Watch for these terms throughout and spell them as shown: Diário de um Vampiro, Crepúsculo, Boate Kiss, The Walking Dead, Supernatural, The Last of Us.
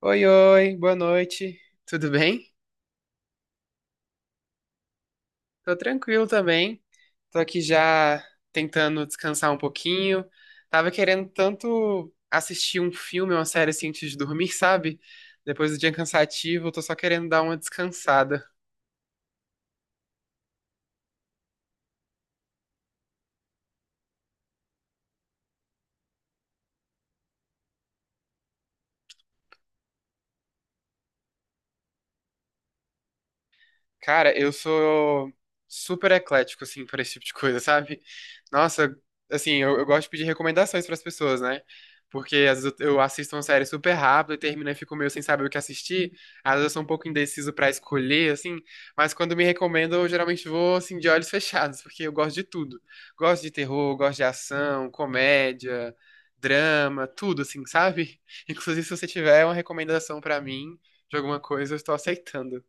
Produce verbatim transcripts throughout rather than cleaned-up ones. Oi, oi, boa noite. Tudo bem? Tô tranquilo também. Tô aqui já tentando descansar um pouquinho. Tava querendo tanto assistir um filme, uma série assim antes de dormir, sabe? Depois do dia cansativo, eu tô só querendo dar uma descansada. Cara, eu sou super eclético, assim, para esse tipo de coisa, sabe? Nossa, assim, eu, eu gosto de pedir recomendações para as pessoas, né? Porque às vezes eu eu assisto uma série super rápido e termino e fico meio sem saber o que assistir. Às vezes eu sou um pouco indeciso para escolher, assim. Mas quando me recomendam, eu geralmente vou, assim, de olhos fechados, porque eu gosto de tudo. Gosto de terror, gosto de ação, comédia, drama, tudo, assim, sabe? Inclusive, se você tiver uma recomendação para mim de alguma coisa, eu estou aceitando.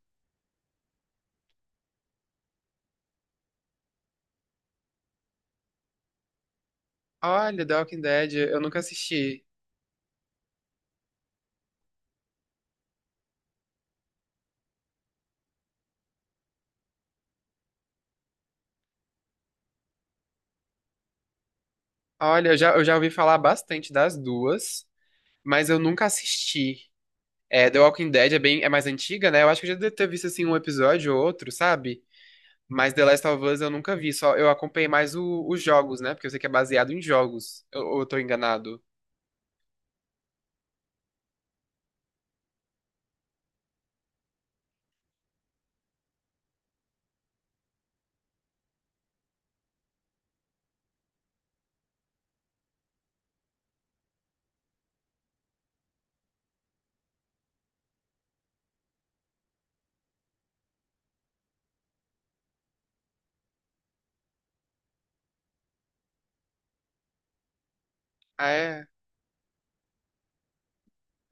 Olha, The Walking Dead, eu nunca assisti. Olha, eu já, eu já ouvi falar bastante das duas, mas eu nunca assisti. É, The Walking Dead é bem, é mais antiga, né? Eu acho que eu já devo ter visto assim um episódio ou outro, sabe? Mas The Last of Us eu nunca vi, só eu acompanhei mais o- os jogos, né? Porque eu sei que é baseado em jogos. Eu, ou eu tô enganado. Ah, é?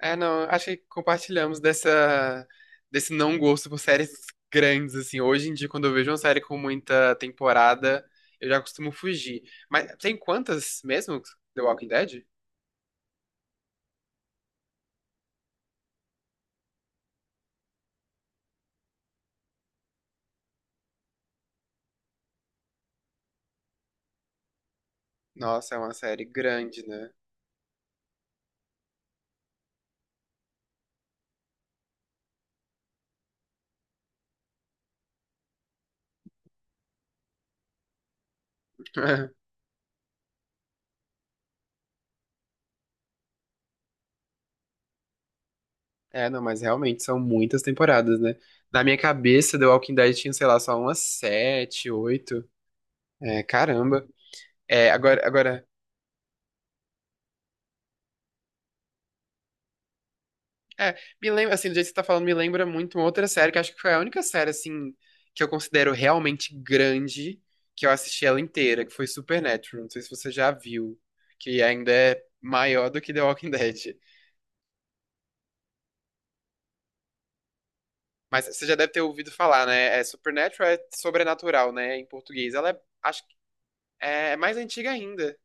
É, não, acho que compartilhamos dessa, desse não gosto por séries grandes, assim. Hoje em dia, quando eu vejo uma série com muita temporada, eu já costumo fugir. Mas tem quantas mesmo? The Walking Dead? Nossa, é uma série grande, né? É, não, mas realmente são muitas temporadas, né? Na minha cabeça, The Walking Dead tinha, sei lá, só umas sete, oito. É, caramba. É, agora, agora É, me lembra, assim, do jeito que você tá falando, me lembra muito uma outra série, que acho que foi a única série, assim, que eu considero realmente grande, que eu assisti ela inteira, que foi Supernatural. Não sei se você já viu, que ainda é maior do que The Walking Dead. Mas você já deve ter ouvido falar, né? É, Supernatural é sobrenatural, né? Em português. Ela é, acho que é é mais antiga ainda.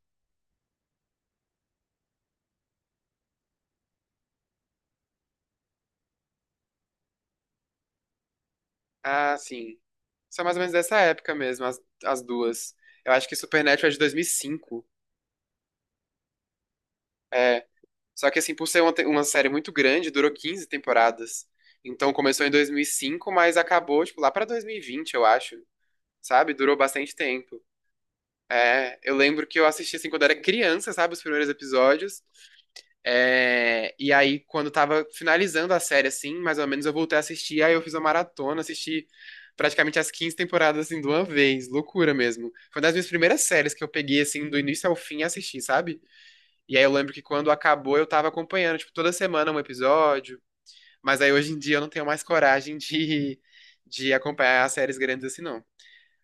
Ah, sim. São mais ou menos dessa época mesmo, as, as duas. Eu acho que Supernatural é de dois mil e cinco. Só que, assim, por ser uma, te- uma série muito grande, durou quinze temporadas. Então, começou em dois mil e cinco, mas acabou, tipo, lá pra dois mil e vinte, eu acho. Sabe? Durou bastante tempo. É, eu lembro que eu assisti, assim, quando era criança, sabe? Os primeiros episódios. É, e aí, quando tava finalizando a série, assim, mais ou menos, eu voltei a assistir. Aí eu fiz uma maratona, assisti praticamente as quinze temporadas, assim, de uma vez. Loucura mesmo. Foi uma das minhas primeiras séries que eu peguei, assim, do início ao fim e assisti, sabe? E aí eu lembro que quando acabou eu tava acompanhando, tipo, toda semana um episódio. Mas aí hoje em dia eu não tenho mais coragem de, de acompanhar as séries grandes assim, não.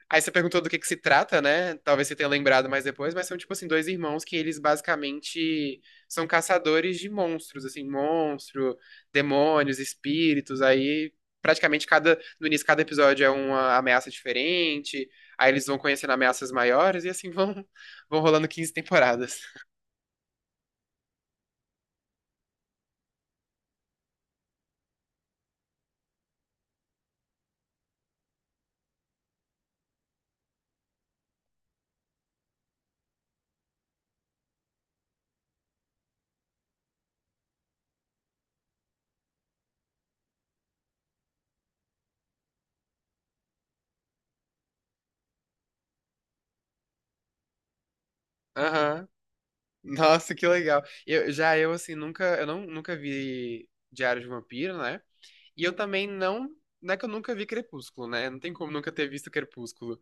Aí você perguntou do que que se trata, né? Talvez você tenha lembrado mais depois, mas são, tipo assim, dois irmãos que eles basicamente são caçadores de monstros, assim, monstro, demônios, espíritos, aí praticamente cada, no início cada episódio é uma ameaça diferente, aí eles vão conhecendo ameaças maiores e assim vão, vão rolando quinze temporadas. Aham. Nossa, que legal. Eu, já eu, assim, nunca, eu não, nunca vi Diário de um Vampiro, né? E eu também não, não é que eu nunca vi Crepúsculo, né? Não tem como nunca ter visto Crepúsculo.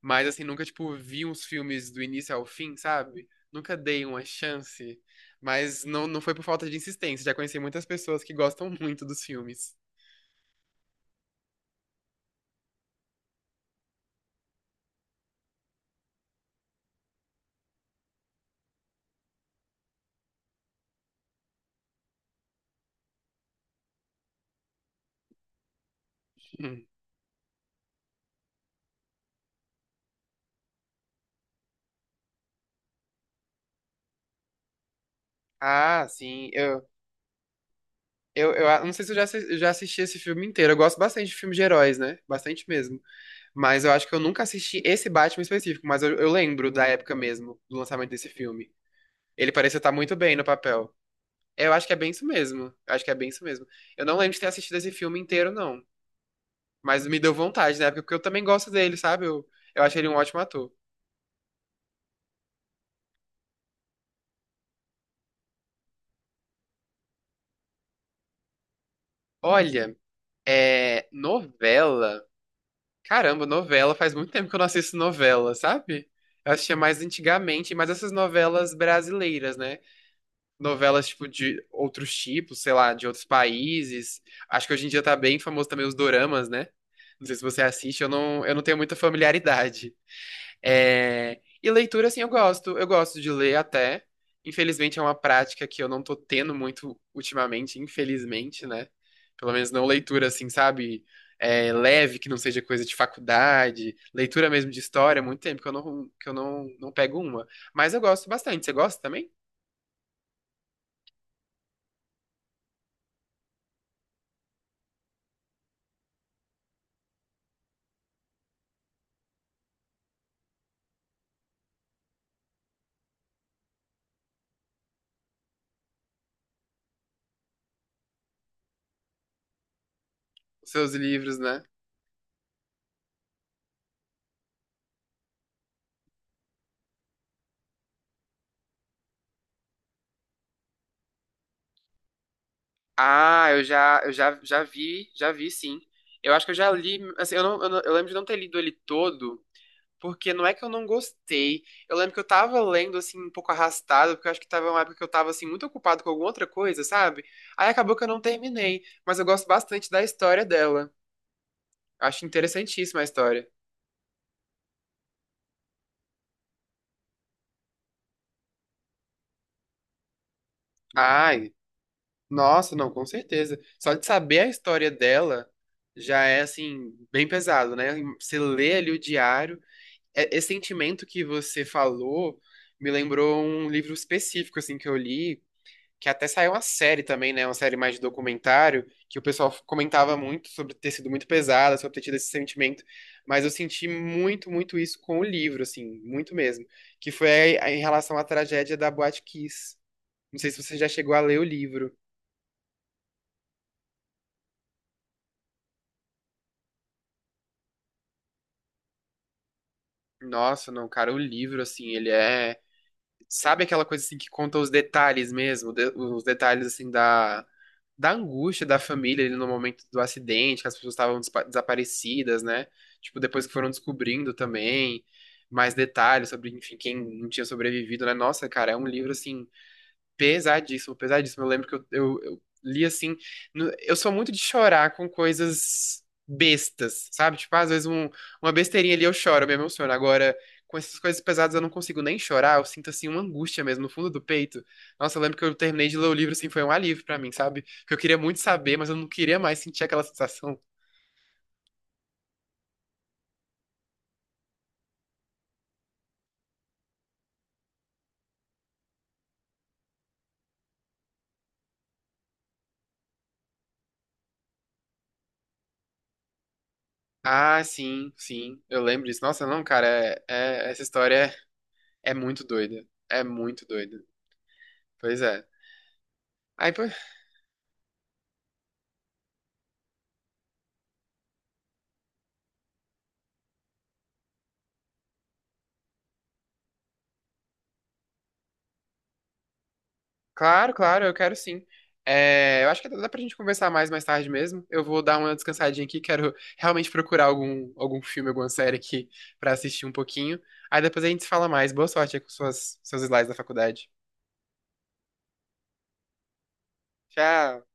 Mas, assim, nunca, tipo, vi uns filmes do início ao fim, sabe? Nunca dei uma chance. Mas não, não foi por falta de insistência. Já conheci muitas pessoas que gostam muito dos filmes. Hum. Ah, sim. Eu, eu, eu a- não sei se eu já, assi- eu já assisti esse filme inteiro. Eu gosto bastante de filmes de heróis, né? Bastante mesmo. Mas eu acho que eu nunca assisti esse Batman específico, mas eu, eu lembro da época mesmo, do lançamento desse filme. Ele parecia estar muito bem no papel. Eu acho que é bem isso mesmo. Eu acho que é bem isso mesmo. Eu não lembro de ter assistido esse filme inteiro, não. Mas me deu vontade na época, porque eu também gosto dele, sabe? Eu, eu acho ele um ótimo ator. Olha, é. Novela. Caramba, novela. Faz muito tempo que eu não assisto novela, sabe? Eu assistia mais antigamente, mas essas novelas brasileiras, né? Novelas, tipo, de outros tipos, sei lá, de outros países. Acho que hoje em dia tá bem famoso também os doramas, né? Não sei se você assiste, eu não, eu não tenho muita familiaridade. É, e leitura, assim, eu gosto. Eu gosto de ler até. Infelizmente é uma prática que eu não tô tendo muito ultimamente, infelizmente, né? Pelo menos não leitura, assim, sabe? É, leve, que não seja coisa de faculdade. Leitura mesmo de história, há muito tempo que eu não, que eu não, não pego uma. Mas eu gosto bastante. Você gosta também? Os seus livros, né? Ah, eu já, eu já, já vi, já vi, sim. Eu acho que eu já li, assim, eu não, eu não- eu lembro de não ter lido ele todo, porque não é que eu não gostei. Eu lembro que eu tava lendo, assim, um pouco arrastado, porque eu acho que tava uma época que eu tava, assim, muito ocupado com alguma outra coisa, sabe? Aí acabou que eu não terminei, mas eu gosto bastante da história dela. Acho interessantíssima a história. Ai, nossa, não, com certeza. Só de saber a história dela já é, assim, bem pesado, né? Você lê ali o diário. é- Esse sentimento que você falou me lembrou um livro específico, assim, que eu li, que até saiu uma série também, né? Uma série mais de documentário, que o pessoal comentava muito sobre ter sido muito pesada, sobre ter tido esse sentimento. Mas eu senti muito, muito isso com o livro, assim, muito mesmo. Que foi a- em relação à tragédia da Boate Kiss. Não sei se você já chegou a ler o livro. Nossa, não, cara, o livro, assim, ele é. Sabe aquela coisa assim que conta os detalhes mesmo, de- os detalhes assim da da angústia da família ali no momento do acidente, que as pessoas estavam despa- desaparecidas, né? Tipo, depois que foram descobrindo também mais detalhes sobre, enfim, quem não tinha sobrevivido, né? Nossa, cara, é um livro assim pesadíssimo, pesadíssimo. Eu lembro que eu, eu, eu li assim. No- eu sou muito de chorar com coisas bestas, sabe? Tipo, às vezes um- uma besteirinha ali eu choro, eu me emociono. Agora, com essas coisas pesadas eu não consigo nem chorar, eu sinto assim uma angústia mesmo no fundo do peito. Nossa, eu lembro que eu terminei de ler o livro assim, foi um alívio pra mim, sabe? Porque eu queria muito saber, mas eu não queria mais sentir aquela sensação. Ah, sim, sim, eu lembro disso. Nossa, não, cara, é- é- essa história é muito doida. É muito doida. Pois é. Aí, pois Claro, claro, eu quero sim. É, eu acho que dá pra gente conversar mais mais tarde mesmo. Eu vou dar uma descansadinha aqui, quero realmente procurar algum, algum filme, alguma série aqui pra assistir um pouquinho. Aí depois a gente se fala mais. Boa sorte aí com suas, seus slides da faculdade. Tchau!